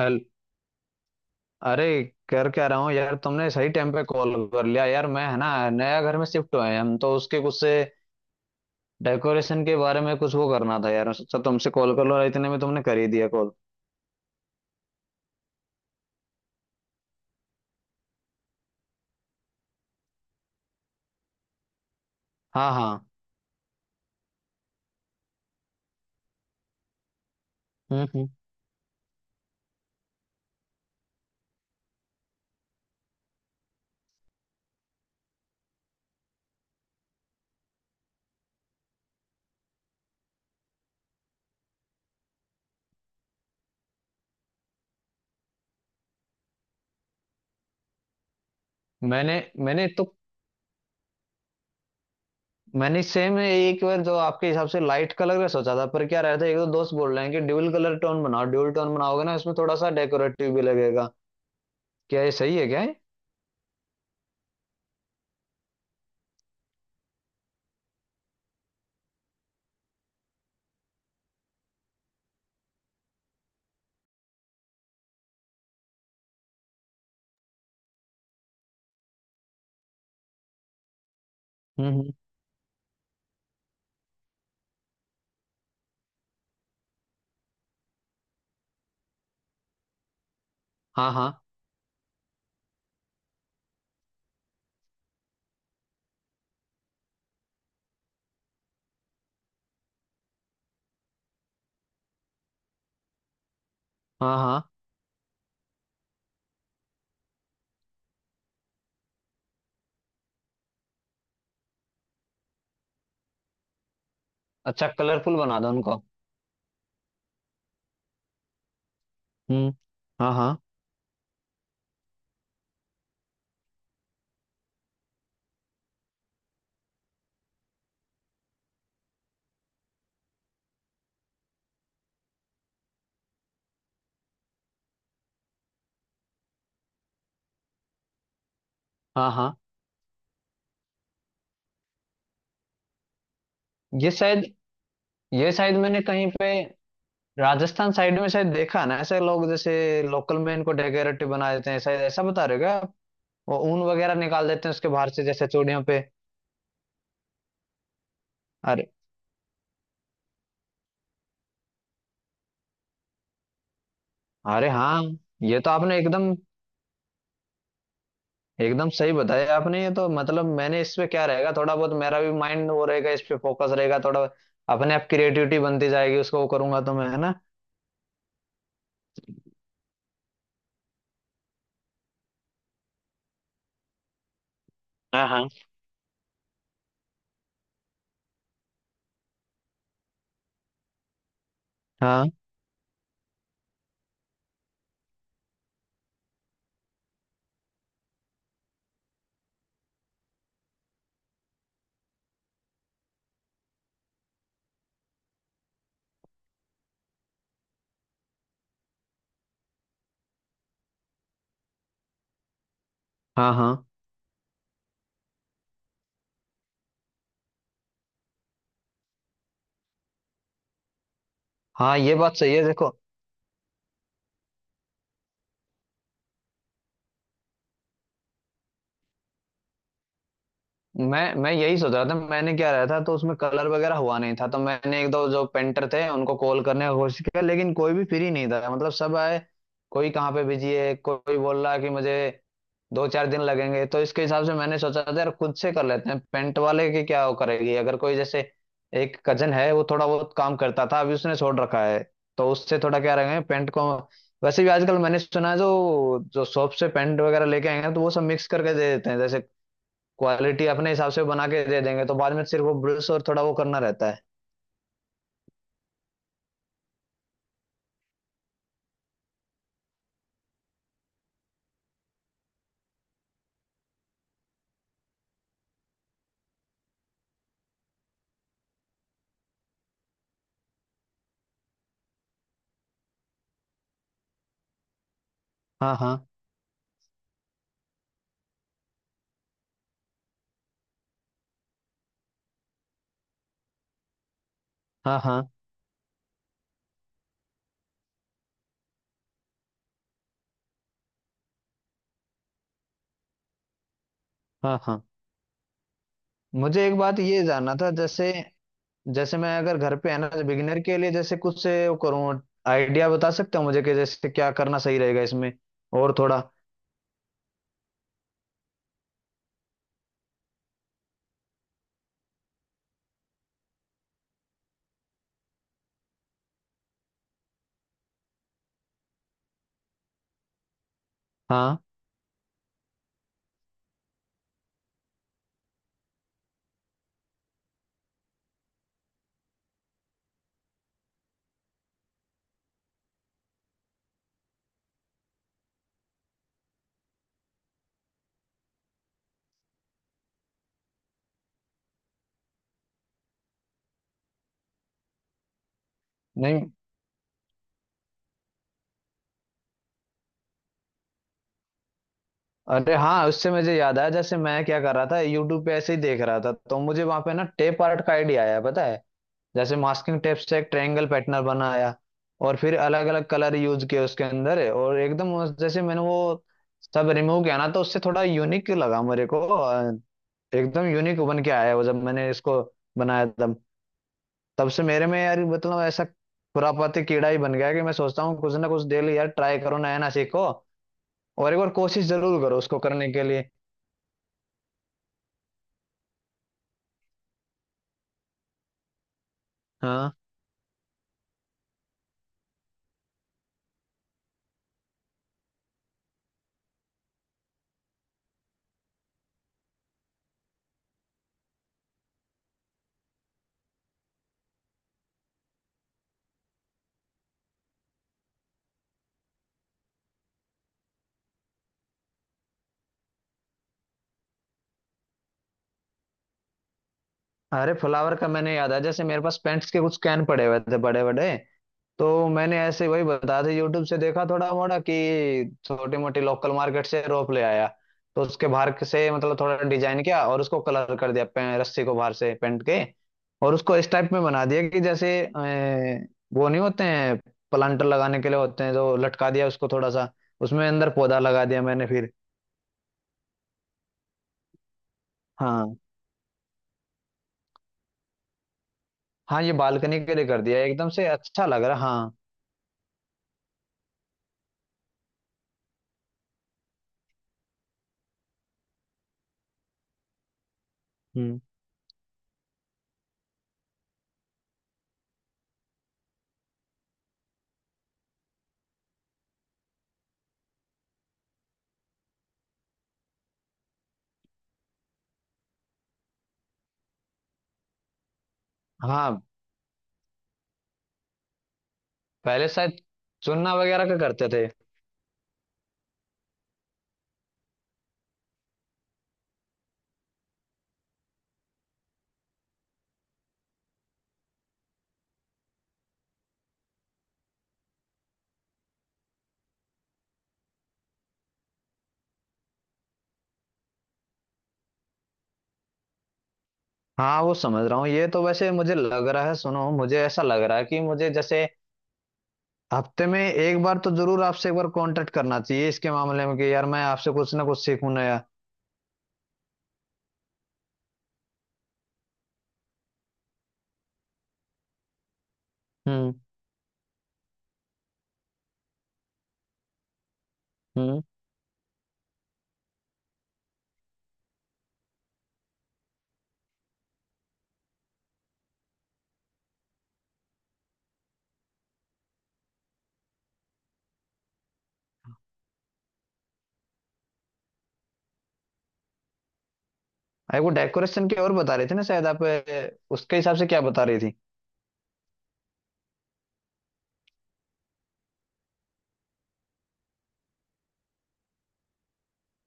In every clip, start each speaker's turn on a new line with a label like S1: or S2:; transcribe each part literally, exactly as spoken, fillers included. S1: Hello अरे कर क्या रहा हूँ यार। तुमने सही टाइम पे कॉल कर लिया यार। मैं है ना, नया घर में शिफ्ट हुए हैं हम तो, उसके कुछ से डेकोरेशन के बारे में कुछ वो करना था यार। सोचा तुमसे कॉल कर लो, और इतने में तुमने कर ही दिया कॉल। हाँ हाँ। हम्म हम्म। मैंने मैंने तो मैंने सेम एक बार जो आपके हिसाब से लाइट कलर का सोचा था, पर क्या रहता है, एक दो दोस्त बोल रहे हैं कि ड्यूल कलर टोन बनाओ। ड्यूल टोन बनाओगे ना, इसमें थोड़ा सा डेकोरेटिव भी लगेगा। क्या ये सही है क्या ये? हम्म हम्म। हाँ हाँ। हाँ हाँ। अच्छा, कलरफुल बना दो उनको। हम्म। हाँ हाँ। हाँ हाँ। ये शायद ये शायद मैंने कहीं पे, राजस्थान साइड में शायद देखा ना, ऐसे लोग जैसे लोकल में इनको डेकोरेटिव बना देते हैं। शायद ऐसा बता रहे हो क्या आप? वो ऊन वगैरह निकाल देते हैं उसके बाहर से जैसे चूड़ियों पे। अरे। अरे हाँ, ये तो आपने एकदम, एकदम सही बताया आपने। ये तो मतलब, मैंने इस पे क्या रहेगा, थोड़ा बहुत मेरा भी माइंड वो रहेगा, इस पे फोकस रहेगा थोड़ा। अपने आप क्रिएटिविटी बनती जाएगी, उसको वो करूंगा तो मैं, है ना। हाँ हाँ। हाँ हाँ। हाँ हाँ, ये बात सही है देखो। मैं मैं यही सोच रहा था। मैंने क्या रहा था तो उसमें कलर वगैरह हुआ नहीं था, तो मैंने एक दो जो पेंटर थे उनको कॉल करने की कोशिश किया, लेकिन कोई भी फ्री नहीं था, मतलब सब आए। कोई कहाँ पे बिजी है, कोई बोल रहा है कि मुझे दो चार दिन लगेंगे। तो इसके हिसाब से मैंने सोचा था यार, खुद से कर लेते हैं, पेंट वाले की क्या वो करेगी। अगर कोई जैसे, एक कजन है वो थोड़ा बहुत काम करता था, अभी उसने छोड़ रखा है, तो उससे थोड़ा क्या रहेंगे पेंट को। वैसे भी आजकल मैंने सुना है, जो जो शॉप से पेंट वगैरह लेके आएंगे तो वो सब मिक्स करके दे देते हैं, जैसे क्वालिटी अपने हिसाब से बना के दे देंगे, तो बाद में सिर्फ वो ब्रश और थोड़ा वो करना रहता है। हाँ हाँ। हाँ हाँ। हाँ हाँ। मुझे एक बात ये जानना था, जैसे, जैसे मैं अगर घर पे, है ना, बिगिनर के लिए जैसे कुछ से वो करूँ, आइडिया बता सकते हो मुझे, कि जैसे क्या करना सही रहेगा इसमें, और थोड़ा। हाँ। नहीं। अरे हाँ, उससे मुझे याद आया, जैसे मैं क्या कर रहा था, यूट्यूब पे ऐसे ही देख रहा था, तो मुझे वहां पे ना टेप आर्ट का आइडिया आया, पता है। जैसे मास्किंग टेप से एक ट्रायंगल पैटर्न बनाया, और फिर अलग अलग कलर यूज किए उसके अंदर, और एकदम उस- जैसे मैंने वो सब रिमूव किया ना, तो उससे थोड़ा यूनिक लगा मेरे को। अ, एकदम यूनिक बन के आया वो, जब मैंने इसको बनाया। तब, तब से मेरे में यार मतलब ऐसा खुरापाती कीड़ा ही बन गया, कि मैं सोचता हूँ कुछ ना कुछ डेली यार ट्राई करो, नया ना सीखो, और एक बार कोशिश जरूर करो उसको करने के लिए। हाँ। अरे फ्लावर का, मैंने याद आया, जैसे मेरे पास पेंट्स के कुछ कैन पड़े हुए थे बड़े बड़े, तो मैंने ऐसे वही बता दिया, यूट्यूब से देखा थोड़ा मोड़ा, कि छोटी मोटी लोकल मार्केट से रोप ले आया। तो उसके बाहर से मतलब थोड़ा डिजाइन किया और उसको कलर कर दिया, पे- रस्सी को बाहर से पेंट के, और उसको इस टाइप में बना दिया कि जैसे, अ, वो नहीं होते हैं प्लांटर लगाने के लिए, होते हैं जो, लटका दिया उसको थोड़ा सा, उसमें अंदर पौधा लगा दिया मैंने फिर। हाँ। हाँ, ये बालकनी के लिए कर दिया, एकदम से अच्छा लग रहा, हाँ। हम्म। हाँ। पहले शायद चुनना वगैरह का करते थे। हाँ, वो समझ रहा हूँ। ये तो वैसे मुझे लग रहा है, सुनो, मुझे ऐसा लग रहा है कि मुझे जैसे हफ्ते में एक बार तो जरूर आपसे एक बार कांटेक्ट करना चाहिए इसके मामले में, कि यार मैं आपसे कुछ ना कुछ सीखूं नया। हम्म हम्म। अरे, वो डेकोरेशन की और बता रही थी ना शायद आप, ए, उसके हिसाब से क्या बता रही थी।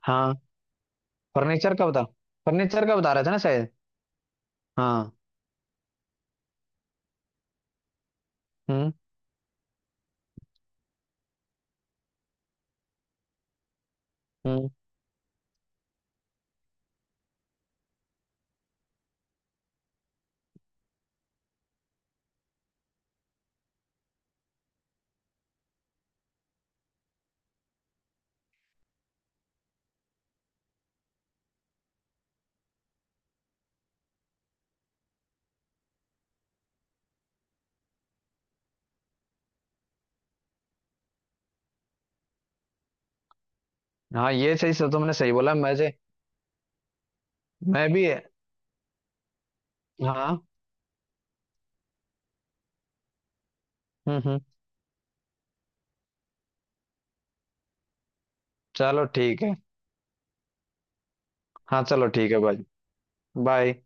S1: हाँ, फर्नीचर का बता, फर्नीचर का बता रहे थे ना शायद। हाँ। हम्म हम्म। हाँ, ये सही से तो तुमने सही बोला। मैं मैं भी, हाँ। हम्म हम्म। चलो ठीक है। हाँ चलो ठीक है भाई। बाय।